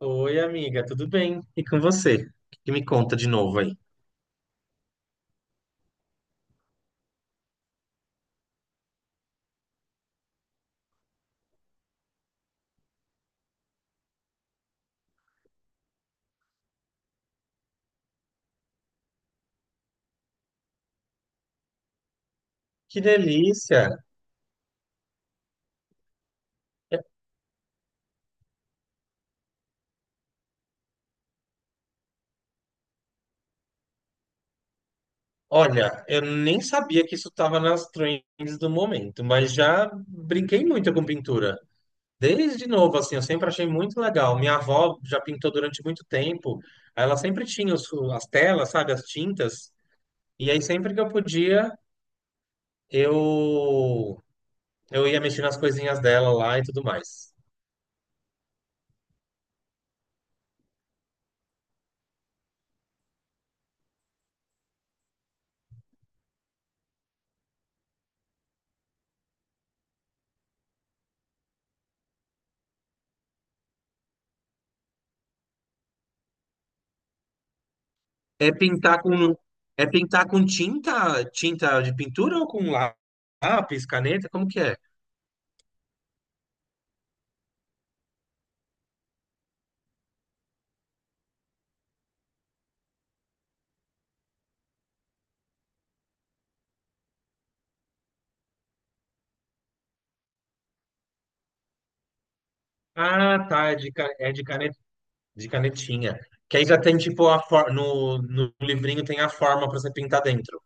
Oi, amiga, tudo bem? E com você? O que que me conta de novo aí? Que delícia! Olha, eu nem sabia que isso estava nas trends do momento, mas já brinquei muito com pintura. Desde novo, assim, eu sempre achei muito legal. Minha avó já pintou durante muito tempo. Ela sempre tinha as telas, sabe, as tintas. E aí, sempre que eu podia, eu, eu ia mexer nas coisinhas dela lá e tudo mais. É pintar com é pintar com tinta, tinta de pintura ou com lápis, caneta, como que é? Ah, tá, é de, ca- é de, cane- de canetinha. Que aí já tem tipo a no, no livrinho tem a forma pra você pintar dentro.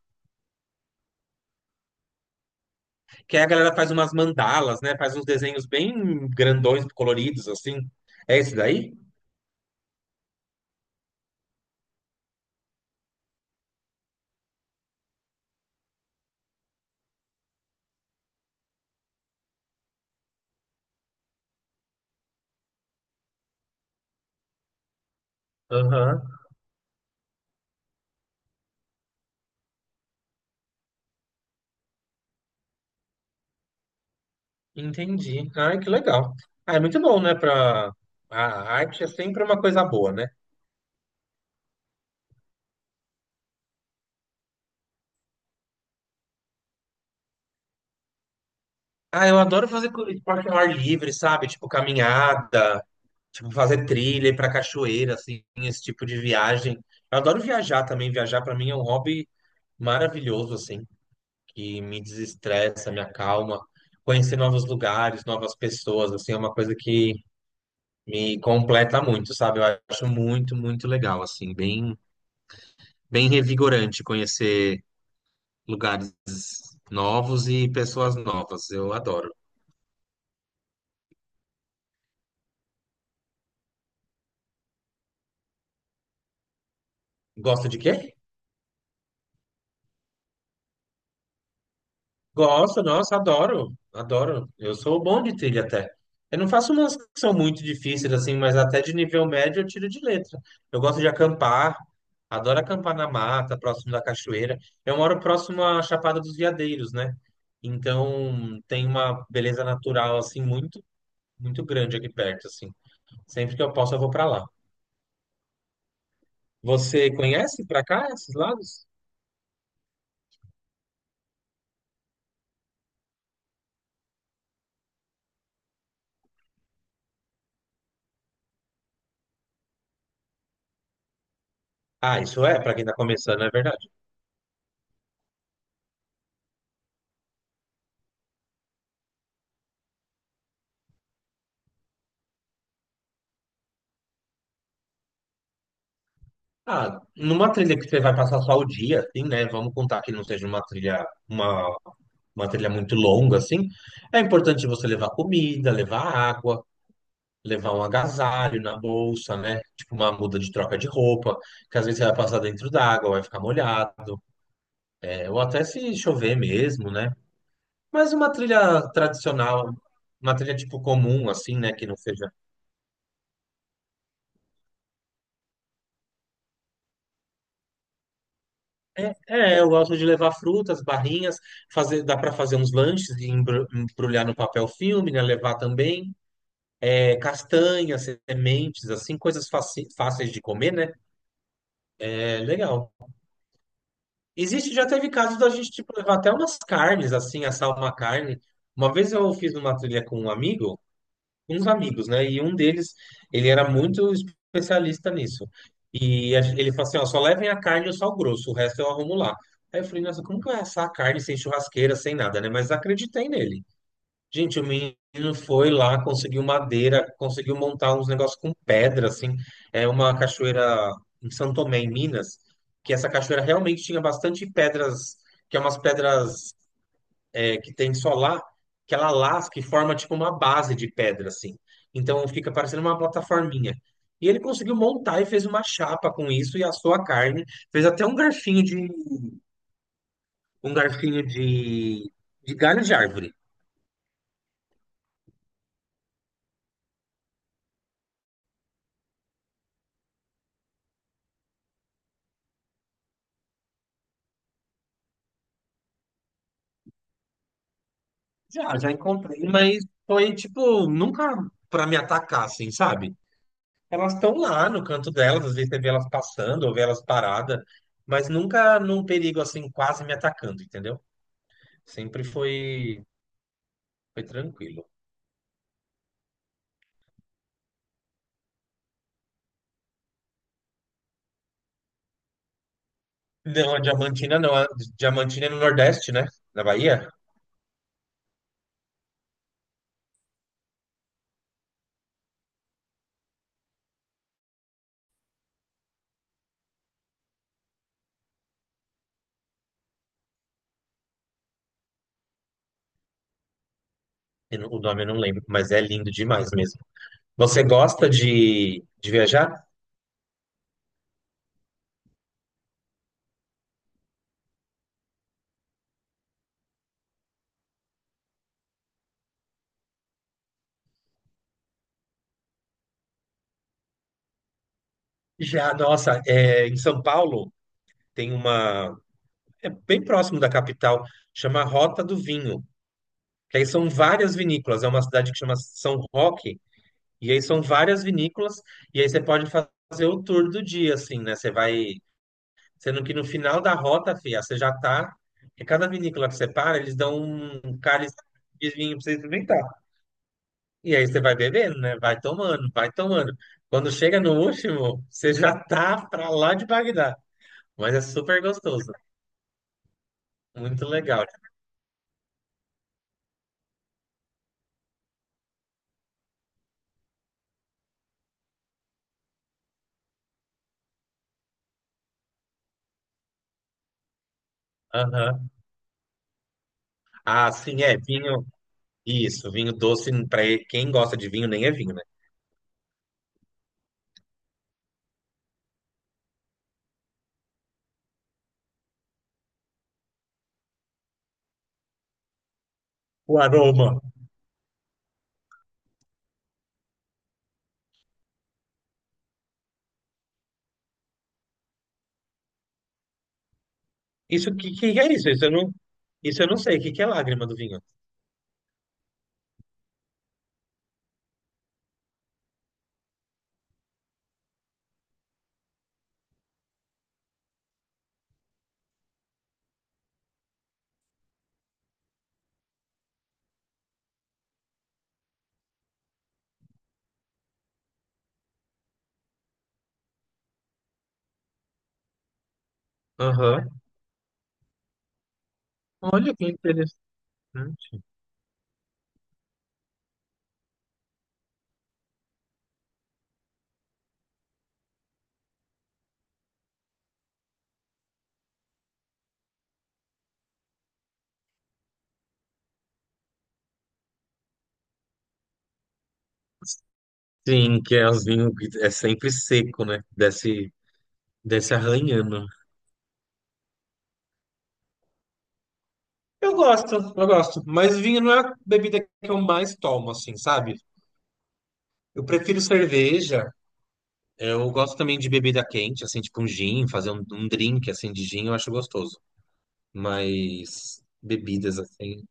Que aí a galera faz umas mandalas, né? Faz uns desenhos bem grandões, coloridos assim. É esse daí? Aham. Entendi. Ai, que legal. Ah, é muito bom, né? Pra... A arte é sempre uma coisa boa, né? Ah, eu adoro fazer esporte ao ar livre, sabe? Tipo caminhada, tipo fazer trilha, ir pra cachoeira, assim, esse tipo de viagem. Eu adoro viajar também. Viajar pra mim é um hobby maravilhoso, assim, que me desestressa, me acalma. Conhecer novos lugares, novas pessoas, assim, é uma coisa que me completa muito, sabe? Eu acho muito, muito legal, assim, bem, bem revigorante conhecer lugares novos e pessoas novas. Eu adoro. Gosta de quê? Gosto, nossa, adoro, adoro. Eu sou bom de trilha até. Eu não faço umas que são muito difíceis, assim, mas até de nível médio eu tiro de letra. Eu gosto de acampar, adoro acampar na mata, próximo da cachoeira. Eu moro próximo à Chapada dos Veadeiros, né? Então tem uma beleza natural, assim, muito, muito grande aqui perto, assim. Sempre que eu posso, eu vou pra lá. Você conhece pra cá esses lados? Ah, isso é, pra quem tá começando, é verdade. Ah, numa trilha que você vai passar só o dia, assim, né? Vamos contar que não seja uma trilha muito longa, assim. É importante você levar comida, levar água, levar um agasalho na bolsa, né? Tipo uma muda de troca de roupa, que às vezes você vai passar dentro d'água, vai ficar molhado, é, ou até se chover mesmo, né? Mas uma trilha tradicional, uma trilha tipo comum, assim, né? Que não seja... É, é, eu gosto de levar frutas, barrinhas, fazer, dá para fazer uns lanches e embrulhar no papel filme, né? Levar também é, castanhas, sementes, assim, coisas fáceis de comer, né? É legal. Existe, já teve casos da gente tipo, levar até umas carnes, assim, assar uma carne. Uma vez eu fiz uma trilha com um amigo. Uns amigos, né? E um deles, ele era muito especialista nisso. E ele falou assim, ó, só levem a carne ou só o grosso, o resto eu arrumo lá. Aí eu falei, nossa, como que vai assar a carne sem churrasqueira, sem nada, né? Mas acreditei nele. Gente, o menino foi lá, conseguiu madeira, conseguiu montar uns negócios com pedra, assim. É uma cachoeira em São Tomé, em Minas, que essa cachoeira realmente tinha bastante pedras, que é umas pedras é que tem solar, que ela lasca e forma tipo uma base de pedra, assim. Então fica parecendo uma plataforminha. E ele conseguiu montar e fez uma chapa com isso e assou a carne. Fez até um garfinho de galho de árvore. Já, já encontrei, mas foi tipo nunca para me atacar, assim, sabe? Elas estão lá no canto delas, às vezes você vê elas passando ou vê elas paradas, mas nunca num perigo assim quase me atacando, entendeu? Sempre foi tranquilo. Não, a Diamantina não. A Diamantina é no Nordeste, né? Na Bahia? Eu não- O nome eu não lembro, mas é lindo demais mesmo. Você gosta de viajar? Já, nossa, é, em São Paulo tem uma. É bem próximo da capital, chama Rota do Vinho. Que aí são várias vinícolas. É uma cidade que chama São Roque, e aí são várias vinícolas, e aí você pode fazer o tour do dia, assim, né? Você vai. Sendo que no final da rota, filha, você já tá. Porque cada vinícola que você para, eles dão um cálice de vinho pra você experimentar. E aí você vai bebendo, né? Vai tomando, vai tomando. Quando chega no último, você já tá pra lá de Bagdá. Mas é super gostoso. Muito legal. Aham. Ah, sim, é. Vinho. Isso, vinho doce, pra quem gosta de vinho, nem é vinho, né? O aroma. Isso, que é isso? Isso eu não sei. Que é lágrima do vinho? Aham. Olha que interessante. Sim, que é os vinhos que é sempre seco, né? Desce, desce arranhando. Eu gosto. Mas vinho não é a bebida que eu mais tomo, assim, sabe? Eu prefiro cerveja. Eu gosto também de bebida quente, assim, tipo um gin, fazer um drink, assim, de gin, eu acho gostoso. Mas bebidas, assim,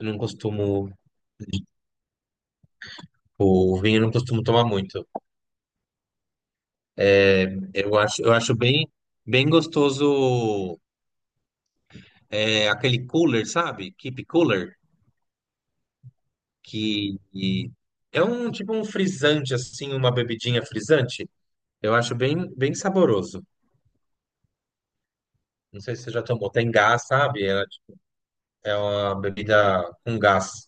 eu não costumo... O vinho eu não costumo tomar muito. Eu acho bem, bem gostoso é, aquele cooler, sabe? Keep cooler. Que é um tipo um frisante, assim, uma bebidinha frisante. Eu acho bem, bem saboroso. Não sei se você já tomou. Tem gás, sabe? É, é uma bebida com gás.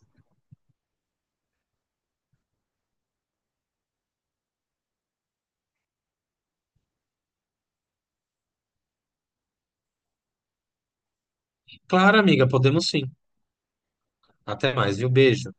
Claro, amiga, podemos sim. Até mais, viu? Beijo.